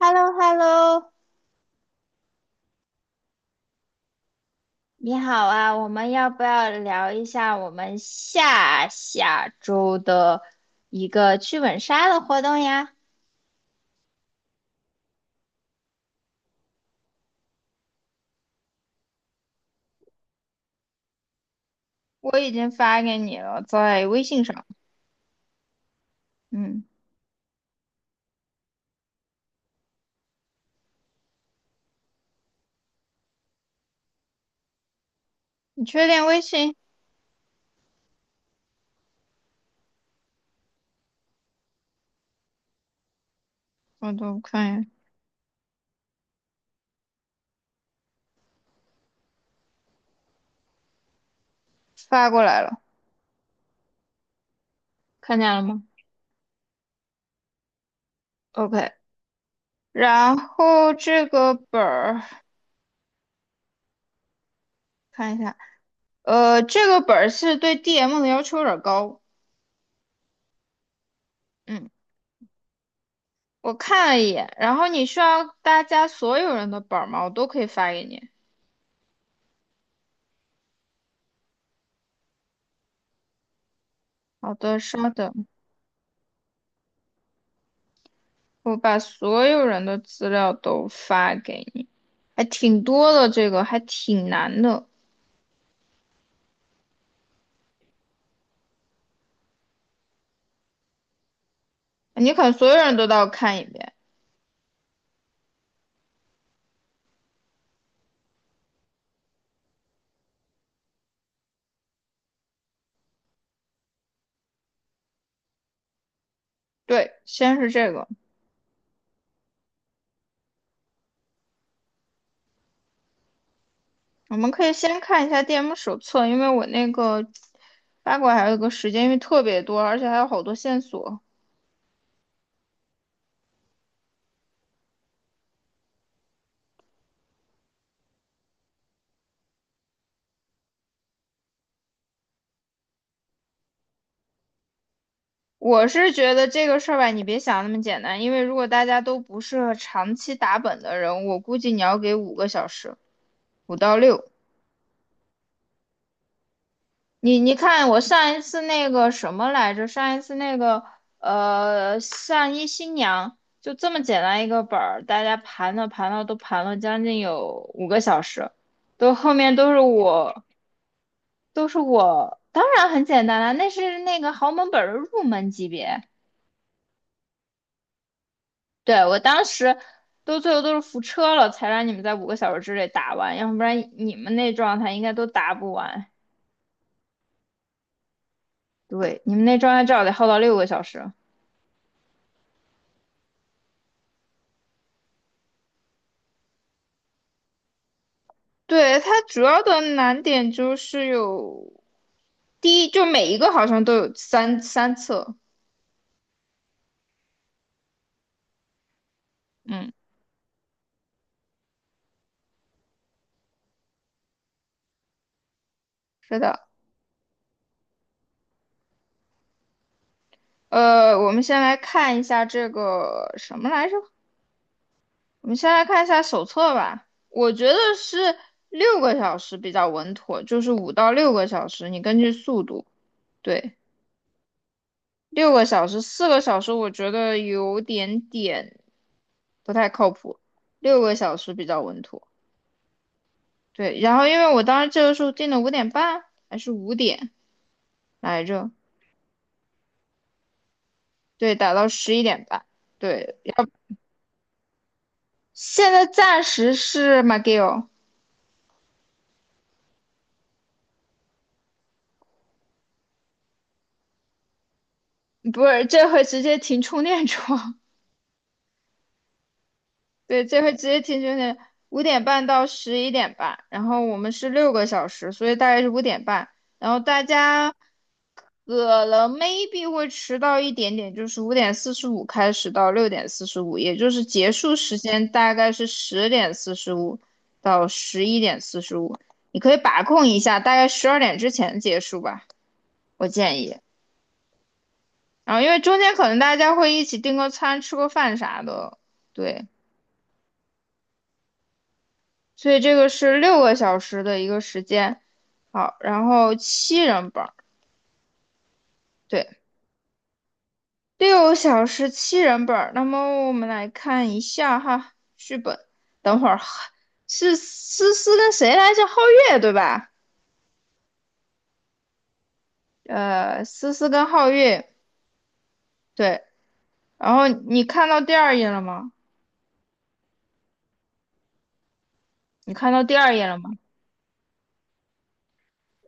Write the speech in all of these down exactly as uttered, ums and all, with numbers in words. h e l l o h e l l o 你好啊，我们要不要聊一下我们下下周的一个剧本杀的活动呀？我已经发给你了，在微信上。嗯，你确定微信？我都看一眼，发过来了，看见了吗？OK。然后这个本儿看一下，呃，这个本儿是对 D M 的要求有点高。嗯，我看了一眼，然后你需要大家所有人的本儿吗？我都可以发给你。好的，稍等，我把所有人的资料都发给你，还挺多的，这个还挺难的，你可能所有人都要看一遍。对，先是这个，我们可以先看一下 D M 手册，因为我那个八卦还有个时间，因为特别多，而且还有好多线索。我是觉得这个事儿吧，你别想那么简单，因为如果大家都不是长期打本的人，我估计你要给五个小时，五到六。你你看，我上一次那个什么来着？上一次那个呃，上一新娘就这么简单一个本儿，大家盘了盘了都盘了将近有五个小时，都后面都是我都是我，当然很简单了，那是那个豪门本儿的入门级别。对，我当时都最后都是扶车了，才让你们在五个小时之内打完，要不然你们那状态应该都打不完。对，你们那状态至少得耗到六个小时。对，它主要的难点就是有第一，就每一个好像都有三三册。嗯，是的，呃，我们先来看一下这个什么来着？我们先来看一下手册吧。我觉得是六个小时比较稳妥，就是五到六个小时，你根据速度。对，六个小时，四个小时我觉得有点点不太靠谱，六个小时比较稳妥。对，然后因为我当时这个时候定的五点半还是五点来着，对，打到十一点半，对，要现在暂时是马 c g i l l 不是，这回直接停充电桩，对，这回直接停充电，五点半到十一点半，然后我们是六个小时，所以大概是五点半，然后大家可能 maybe 会迟到一点点，就是五点四十五开始到六点四十五，也就是结束时间大概是十点四十五到十一点四十五。你可以把控一下，大概十二点之前结束吧，我建议。然后因为中间可能大家会一起订个餐、吃个饭啥的，对，所以这个是六个小时的一个时间。好，然后七人本儿，对。六小时七人本儿，那么我们来看一下哈，剧本。等会儿是思思跟谁来着？皓月对吧？呃，思思跟皓月对。然后你看到第二页了吗？你看到第二页了吗？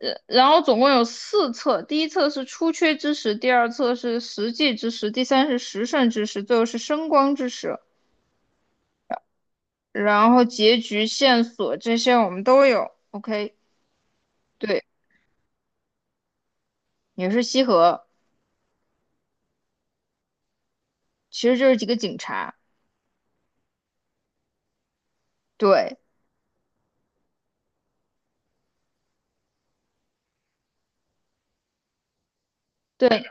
呃，然后总共有四册，第一册是出缺之时，第二册是实际之时，第三是时胜之时，最后是升光之时。然后结局线索这些我们都有。OK，对，也是西河。其实就是几个警察。对对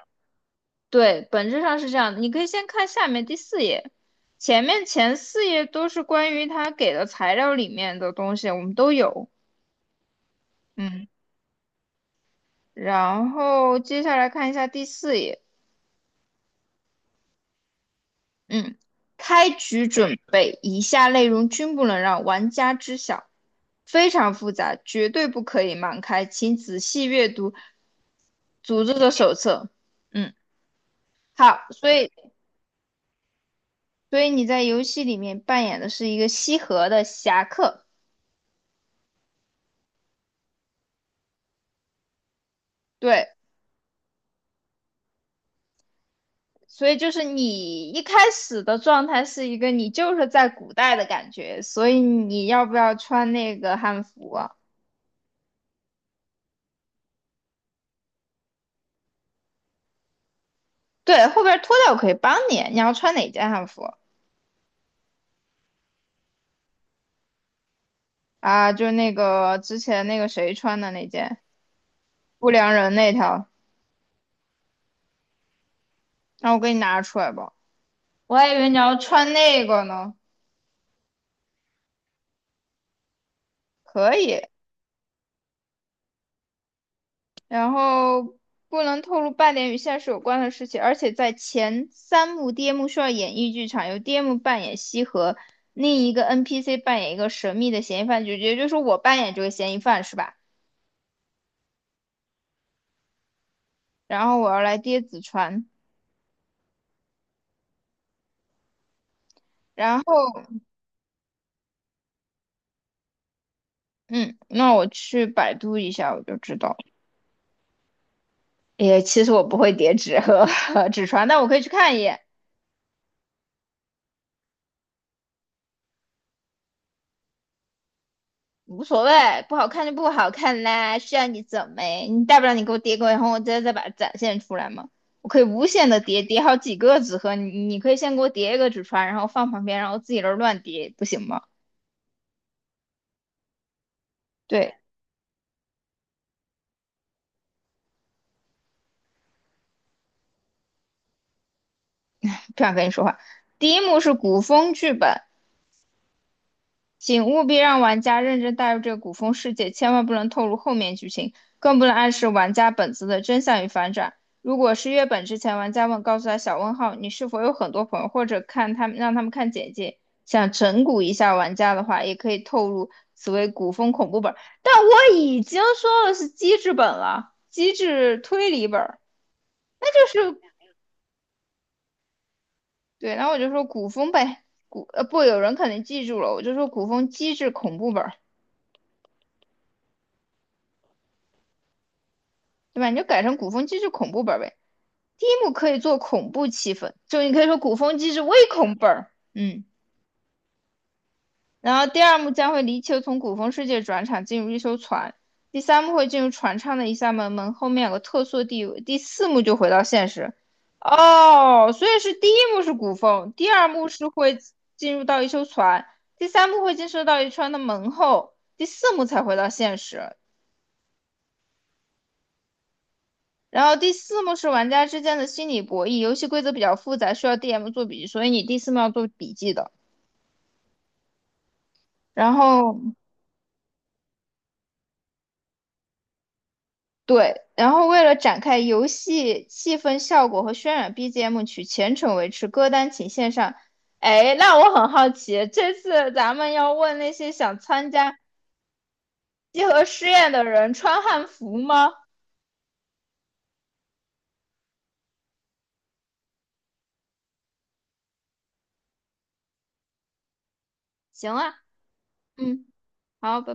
对，本质上是这样的。你可以先看下面第四页，前面前四页都是关于他给的材料里面的东西，我们都有。嗯，然后接下来看一下第四页。嗯，开局准备，以下内容均不能让玩家知晓，非常复杂，绝对不可以盲开，请仔细阅读组织的手册。嗯，好，所以所以你在游戏里面扮演的是一个西河的侠客，对，所以就是你一开始的状态是一个你就是在古代的感觉，所以你要不要穿那个汉服啊？对，后边脱掉我可以帮你，你要穿哪件汉服啊？就那个之前那个谁穿的那件不良人那条，那我给你拿出来吧。我还以为你要穿那个呢，可以，然后不能透露半点与现实有关的事情，而且在前三幕，D M 需要演绎剧场，由 D M 扮演西河，另一个 N P C 扮演一个神秘的嫌疑犯，就也就是说我扮演这个嫌疑犯是吧？然后我要来跌纸船，然后嗯，那我去百度一下我就知道了也其实我不会叠纸和 和纸船，但我可以去看一眼。无所谓，不好看就不好看啦，需要你怎么你大不了你给我叠个，然后我再再把它展现出来嘛。我可以无限的叠，叠好几个纸盒，你你可以先给我叠一个纸船，然后放旁边，然后自己那这儿乱叠，不行吗？对，不想跟你说话。第一幕是古风剧本，请务必让玩家认真带入这个古风世界，千万不能透露后面剧情，更不能暗示玩家本子的真相与反转。如果是月本之前，玩家问告诉他小问号，你是否有很多朋友，或者看他们让他们看简介，想整蛊一下玩家的话，也可以透露此为古风恐怖本。但我已经说了是机制本了，机制推理本儿，那就是对，然后我就说古风呗，古呃不，有人肯定记住了，我就说古风机制恐怖本。对吧？你就改成古风机制恐怖本儿呗。第一幕可以做恐怖气氛，就你可以说古风机制微恐本儿，嗯。然后第二幕将会离球从古风世界转场进入一艘船，第三幕会进入船舱的一扇门，门后面有个特殊地位，第四幕就回到现实。哦，所以是第一幕是古风，第二幕是会进入到一艘船，第三幕会进入到一船的门后，第四幕才回到现实。然后第四幕是玩家之间的心理博弈，游戏规则比较复杂，需要 D M 做笔记，所以你第四幕要做笔记的。然后对，然后为了展开游戏气氛效果和渲染，B G M 取全程维持，歌单请线上。哎，那我很好奇，这次咱们要问那些想参加集合试验的人穿汉服吗？行啊，嗯，好，拜拜。